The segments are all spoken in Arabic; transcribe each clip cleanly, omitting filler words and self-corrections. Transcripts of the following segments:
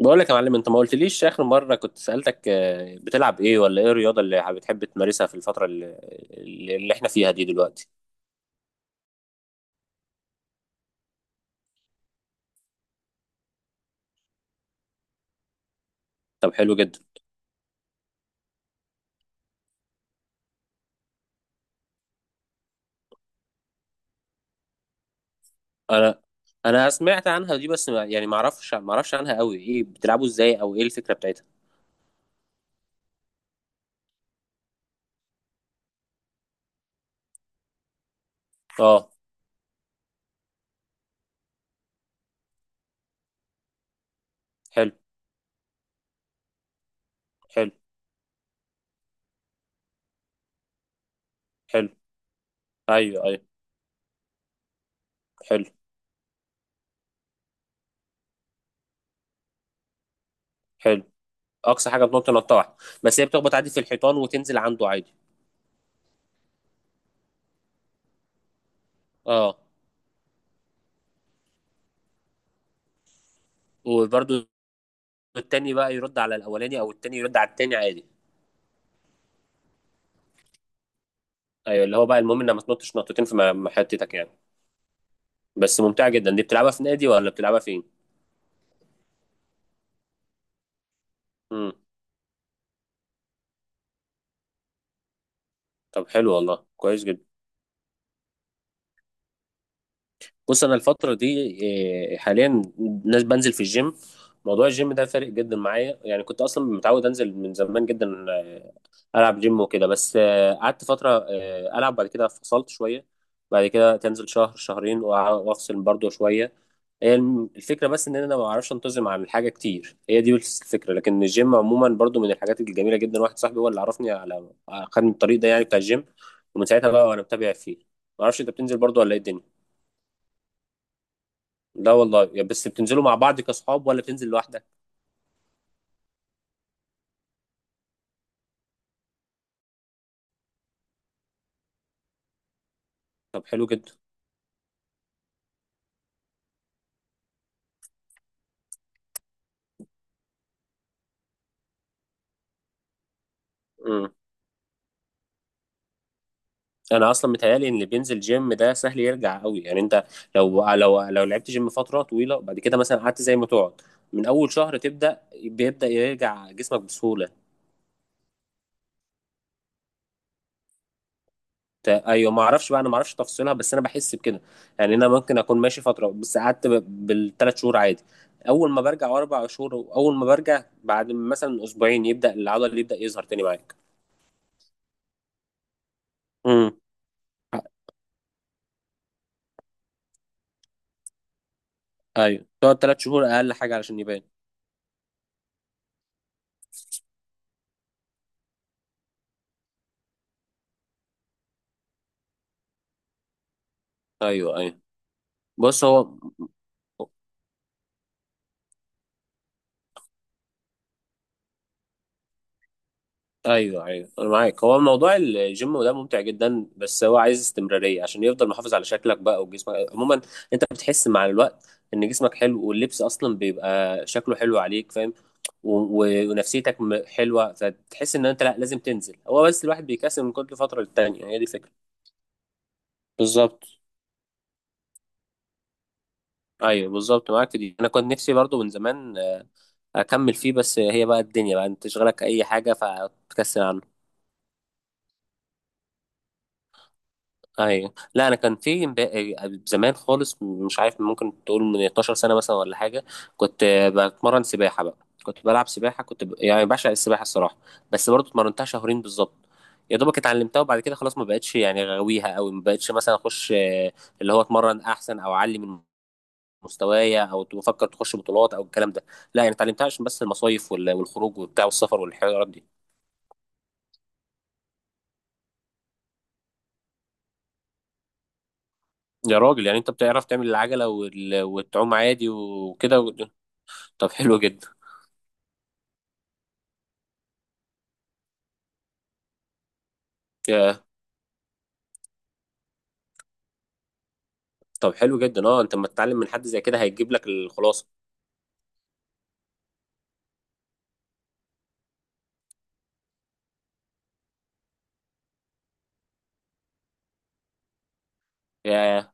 بقول لك يا معلم، انت ما قلتليش اخر مره كنت سالتك، بتلعب ايه ولا ايه الرياضه اللي بتحب تمارسها في الفتره اللي احنا فيها دي دلوقتي. طب، حلو جدا. انا انا سمعت عنها دي، بس ما يعني ما اعرفش ما اعرفش عنها قوي، ايه بتلعبوا ازاي، او ايه الفكره بتاعتها؟ اه. حلو. حلو. حلو. ايوه ايوه. حلو. حلو. اقصى حاجه بتنط نطه واحده. بس هي بتخبط عادي في الحيطان وتنزل عنده عادي. اه. وبرده التاني بقى يرد على الاولاني، او التاني يرد على التاني عادي. ايوه، اللي هو بقى المهم انك ما تنطش نطتين في محيطتك يعني. بس ممتعة جدا دي، بتلعبها في نادي ولا بتلعبها فين؟ امم. طب حلو والله، كويس جدا. بص، انا الفترة دي، إيه، حاليا، ناس بنزل في الجيم. موضوع الجيم ده فارق جدا معايا، يعني كنت اصلا متعود انزل من زمان جدا، العب جيم وكده، بس قعدت فتره، العب بعد كده، فصلت شويه. بعد كده تنزل شهر شهرين وافصل برضو شويه. هي الفكره بس ان انا ما بعرفش انتظم على الحاجه كتير، هي دي بس الفكره. لكن الجيم عموما برضو من الحاجات الجميله جدا، واحد صاحبي هو اللي عرفني على، خدني الطريق ده يعني بتاع الجيم، ومن ساعتها بقى وانا متابع فيه. ما اعرفش انت بتنزل برضو ولا ايه الدنيا؟ لا والله، يا بس بتنزلوا مع بعض كاصحاب ولا بتنزل لوحدك؟ طب حلو جدا. انا اصلا متهيالي ان اللي بينزل جيم ده سهل يرجع قوي، يعني انت لو لعبت جيم فتره طويله، وبعد كده مثلا قعدت زي ما تقعد، من اول شهر تبدا بيبدا يرجع جسمك بسهوله. ايوه، ما اعرفش بقى، انا ما اعرفش تفاصيلها بس انا بحس بكده، يعني انا ممكن اكون ماشي فتره، بس قعدت بالثلاث شهور عادي، اول ما برجع اربع شهور، اول ما برجع بعد مثلا اسبوعين يبدا العضل اللي يبدا يظهر تاني معاك. امم. ايوه، تقعد ثلاث شهور اقل حاجه علشان يبان. ايوه ايوه. بص هو. ايوه ايوه، انا معاك. هو موضوع الجيم ده ممتع جدا، بس هو عايز استمراريه عشان يفضل محافظ على شكلك بقى وجسمك عموما. انت بتحس مع الوقت ان جسمك حلو، واللبس اصلا بيبقى شكله حلو عليك، فاهم؟ و- ونفسيتك حلوه، فتحس ان انت لا لازم تنزل، هو بس الواحد بيكسل من كل فتره للتانيه، هي دي الفكره. بالظبط. ايوه، بالظبط معاك في دي. انا كنت نفسي برضو من زمان اكمل فيه، بس هي بقى الدنيا بقى، انت تشغلك اي حاجه فتكسل عنها. ايوه. لا انا كان في زمان خالص، مش عارف، ممكن تقول من 12 سنه مثلا ولا حاجه. كنت بتمرن سباحه بقى. كنت بلعب سباحه، كنت ب، يعني بعشق السباحه الصراحه، بس برضه اتمرنتها شهرين بالظبط، يا دوبك اتعلمتها، وبعد كده خلاص ما بقتش يعني غاويها قوي، ما بقتش مثلا اخش، اللي هو اتمرن احسن او اعلي من مستوايا، او بفكر تخش بطولات او الكلام ده. لا، يعني اتعلمتها عشان بس المصايف والخروج وبتاع والسفر والحوارات دي. يا راجل، يعني انت بتعرف تعمل العجله وتعوم عادي وكده و، طب حلو جدا. ياه. طب حلو جدا، اه. انت لما تتعلم من حد زي كده هيجيب لك الخلاصه. ياه.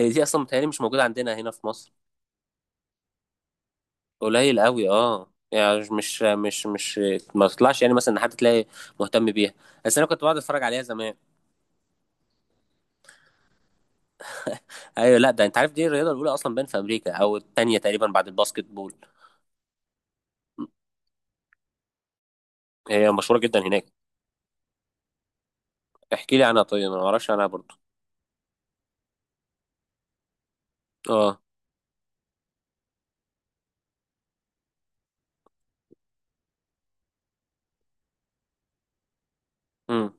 هي دي اصلا متهيألي مش موجوده عندنا هنا في مصر. قليل قوي، اه، يعني مش ما تطلعش يعني، مثلا ان حد تلاقي مهتم بيها، بس انا كنت بقعد اتفرج عليها زمان. ايوه، لا ده انت عارف، دي الرياضه الاولى اصلا باين في امريكا، او الثانيه تقريبا بعد الباسكت بول. هي مشهوره جدا هناك. احكي لي عنها طيب، انا ما اعرفش عنها برضو. اه. امم.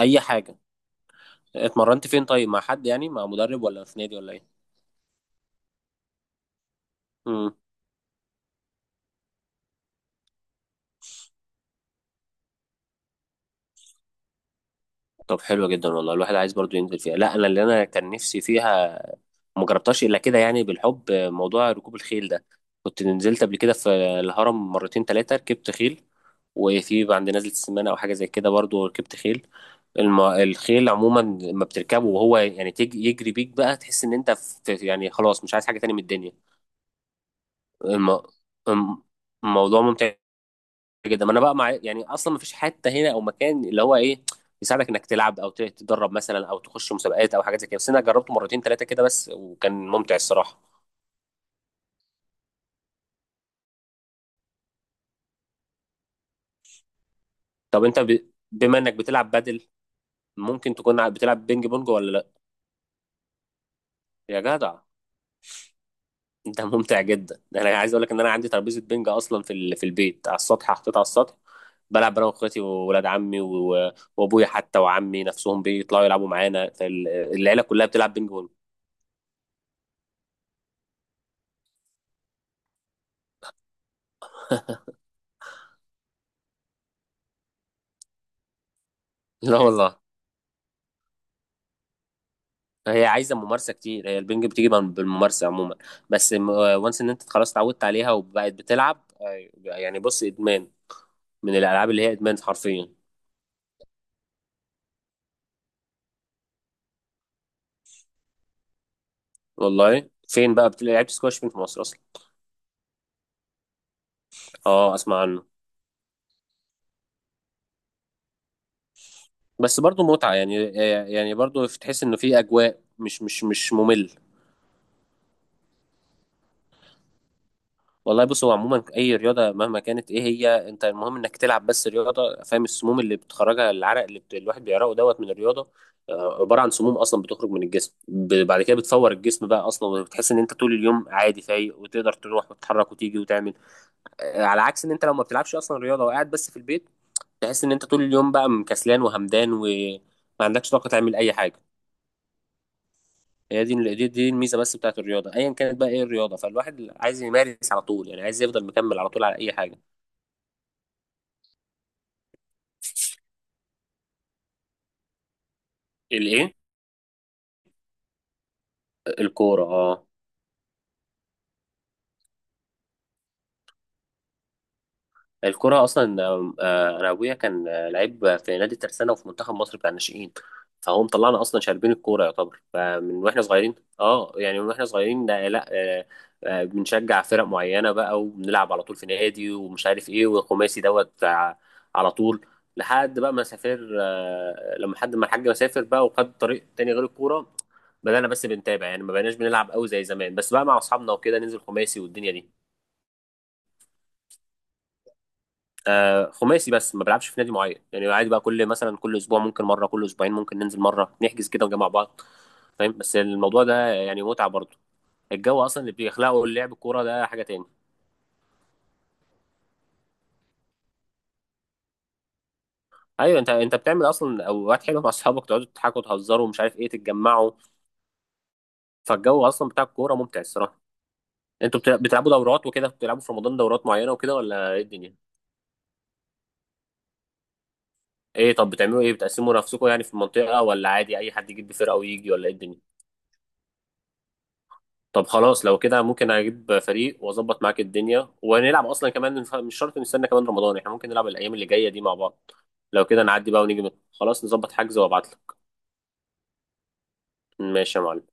اي حاجه. اتمرنت فين طيب، مع حد يعني، مع مدرب ولا في نادي ولا ايه؟ طب حلوة جدا والله، الواحد عايز برضو ينزل فيها. لا انا انا كان نفسي فيها، ما جربتهاش الا كده، يعني بالحب موضوع ركوب الخيل ده. كنت نزلت قبل كده في الهرم مرتين ثلاثة، ركبت خيل، وفي عند نزلة السمانة او حاجة زي كده برضو ركبت خيل. الخيل عموما لما بتركبه، وهو يعني يجري بيك بقى، تحس ان انت في، يعني خلاص مش عايز حاجة تاني من الدنيا. الم... الم- الموضوع ممتع جدا. ما انا بقى مع، يعني اصلا ما فيش حته هنا او مكان اللي هو ايه يساعدك انك تلعب تتدرب مثلا، او تخش مسابقات او حاجات زي كده. بس انا جربته مرتين ثلاثه كده بس، وكان ممتع الصراحه. طب انت ب، بما انك بتلعب بادل، ممكن تكون بتلعب بينج بونج ولا لا؟ يا جدع، انت ممتع جدا. انا عايز اقول لك ان انا عندي ترابيزه بينج اصلا في ال، في البيت على السطح، حطيتها على السطح. بلعب انا واخواتي وولاد عمي و، وابويا حتى، وعمي نفسهم بيطلعوا يلعبوا معانا، فالعيله كلها بتلعب بينج بونج. لا والله. هي عايزه ممارسه كتير، هي البنج بتيجي بالممارسه عموما. بس وانس ان انت خلاص اتعودت عليها وبقت بتلعب، يعني بص ادمان، من الالعاب اللي هي ادمان حرفيا. والله فين بقى بتلاقي، لعبت سكواش فين في مصر اصلا؟ اه اسمع عنه. بس برضو متعه يعني، يعني برضو تحس انه في اجواء مش ممل. والله بص، هو عموما اي رياضه مهما كانت ايه هي، انت المهم انك تلعب بس رياضه، فاهم؟ السموم اللي بتخرجها، العرق اللي الواحد بيعرقه دوت من الرياضه، عباره عن سموم اصلا بتخرج من الجسم ب، بعد كده بتفور الجسم بقى اصلا، وبتحس ان انت طول اليوم عادي فايق، وتقدر تروح وتتحرك وتيجي وتعمل، على عكس ان انت لو ما بتلعبش اصلا رياضه، وقاعد بس في البيت، تحس ان انت طول اليوم بقى مكسلان وهمدان، وما عندكش طاقه تعمل اي حاجه. هي دي الميزه بس بتاعت الرياضه ايا كانت بقى ايه الرياضه، فالواحد عايز يمارس على طول يعني، عايز يفضل مكمل على طول على اي حاجه. الايه؟ الكوره؟ اه، الكوره اصلا، انا ابويا كان لعيب في نادي الترسانه، وفي منتخب مصر بتاع الناشئين، فهو مطلعنا اصلا شاربين الكوره يعتبر، فمن واحنا صغيرين. اه، يعني من واحنا صغيرين، لا، آه، بنشجع فرق معينه بقى، وبنلعب على طول في نادي، ومش عارف ايه، والخماسي دوت على طول، لحد بقى ما سافر، لما حد ما الحاج سافر بقى وخد طريق تاني غير الكوره، بدأنا بس بنتابع يعني، ما بقيناش بنلعب قوي زي زمان، بس بقى مع اصحابنا وكده ننزل خماسي والدنيا دي. آه، خماسي بس ما بلعبش في نادي معين يعني، عادي بقى، كل مثلا كل اسبوع ممكن مره، كل اسبوعين ممكن ننزل مره، نحجز كده ونجمع بعض. فاهم؟ بس الموضوع ده يعني متعه برضه. الجو اصلا اللي بيخلقه اللعب الكوره ده حاجه تاني. ايوه، انت بتعمل اصلا اوقات حلوه مع اصحابك، تقعدوا تضحكوا تهزروا ومش عارف ايه، تتجمعوا، فالجو اصلا بتاع الكوره ممتع الصراحه. انتوا بتلعبوا دورات وكده، بتلعبوا في رمضان دورات معينه وكده، ولا ايه الدنيا؟ ايه، طب بتعملوا ايه، بتقسموا نفسكم يعني في المنطقه، ولا عادي اي حد يجيب فرقه ويجي، ولا ايه الدنيا؟ طب خلاص لو كده، ممكن اجيب فريق واظبط معاك الدنيا ونلعب اصلا كمان، مش شرط نستنى كمان رمضان، احنا ممكن نلعب الايام اللي جايه دي مع بعض. لو كده نعدي بقى ونيجي خلاص نظبط حجز وابعت لك. ماشي يا معلم.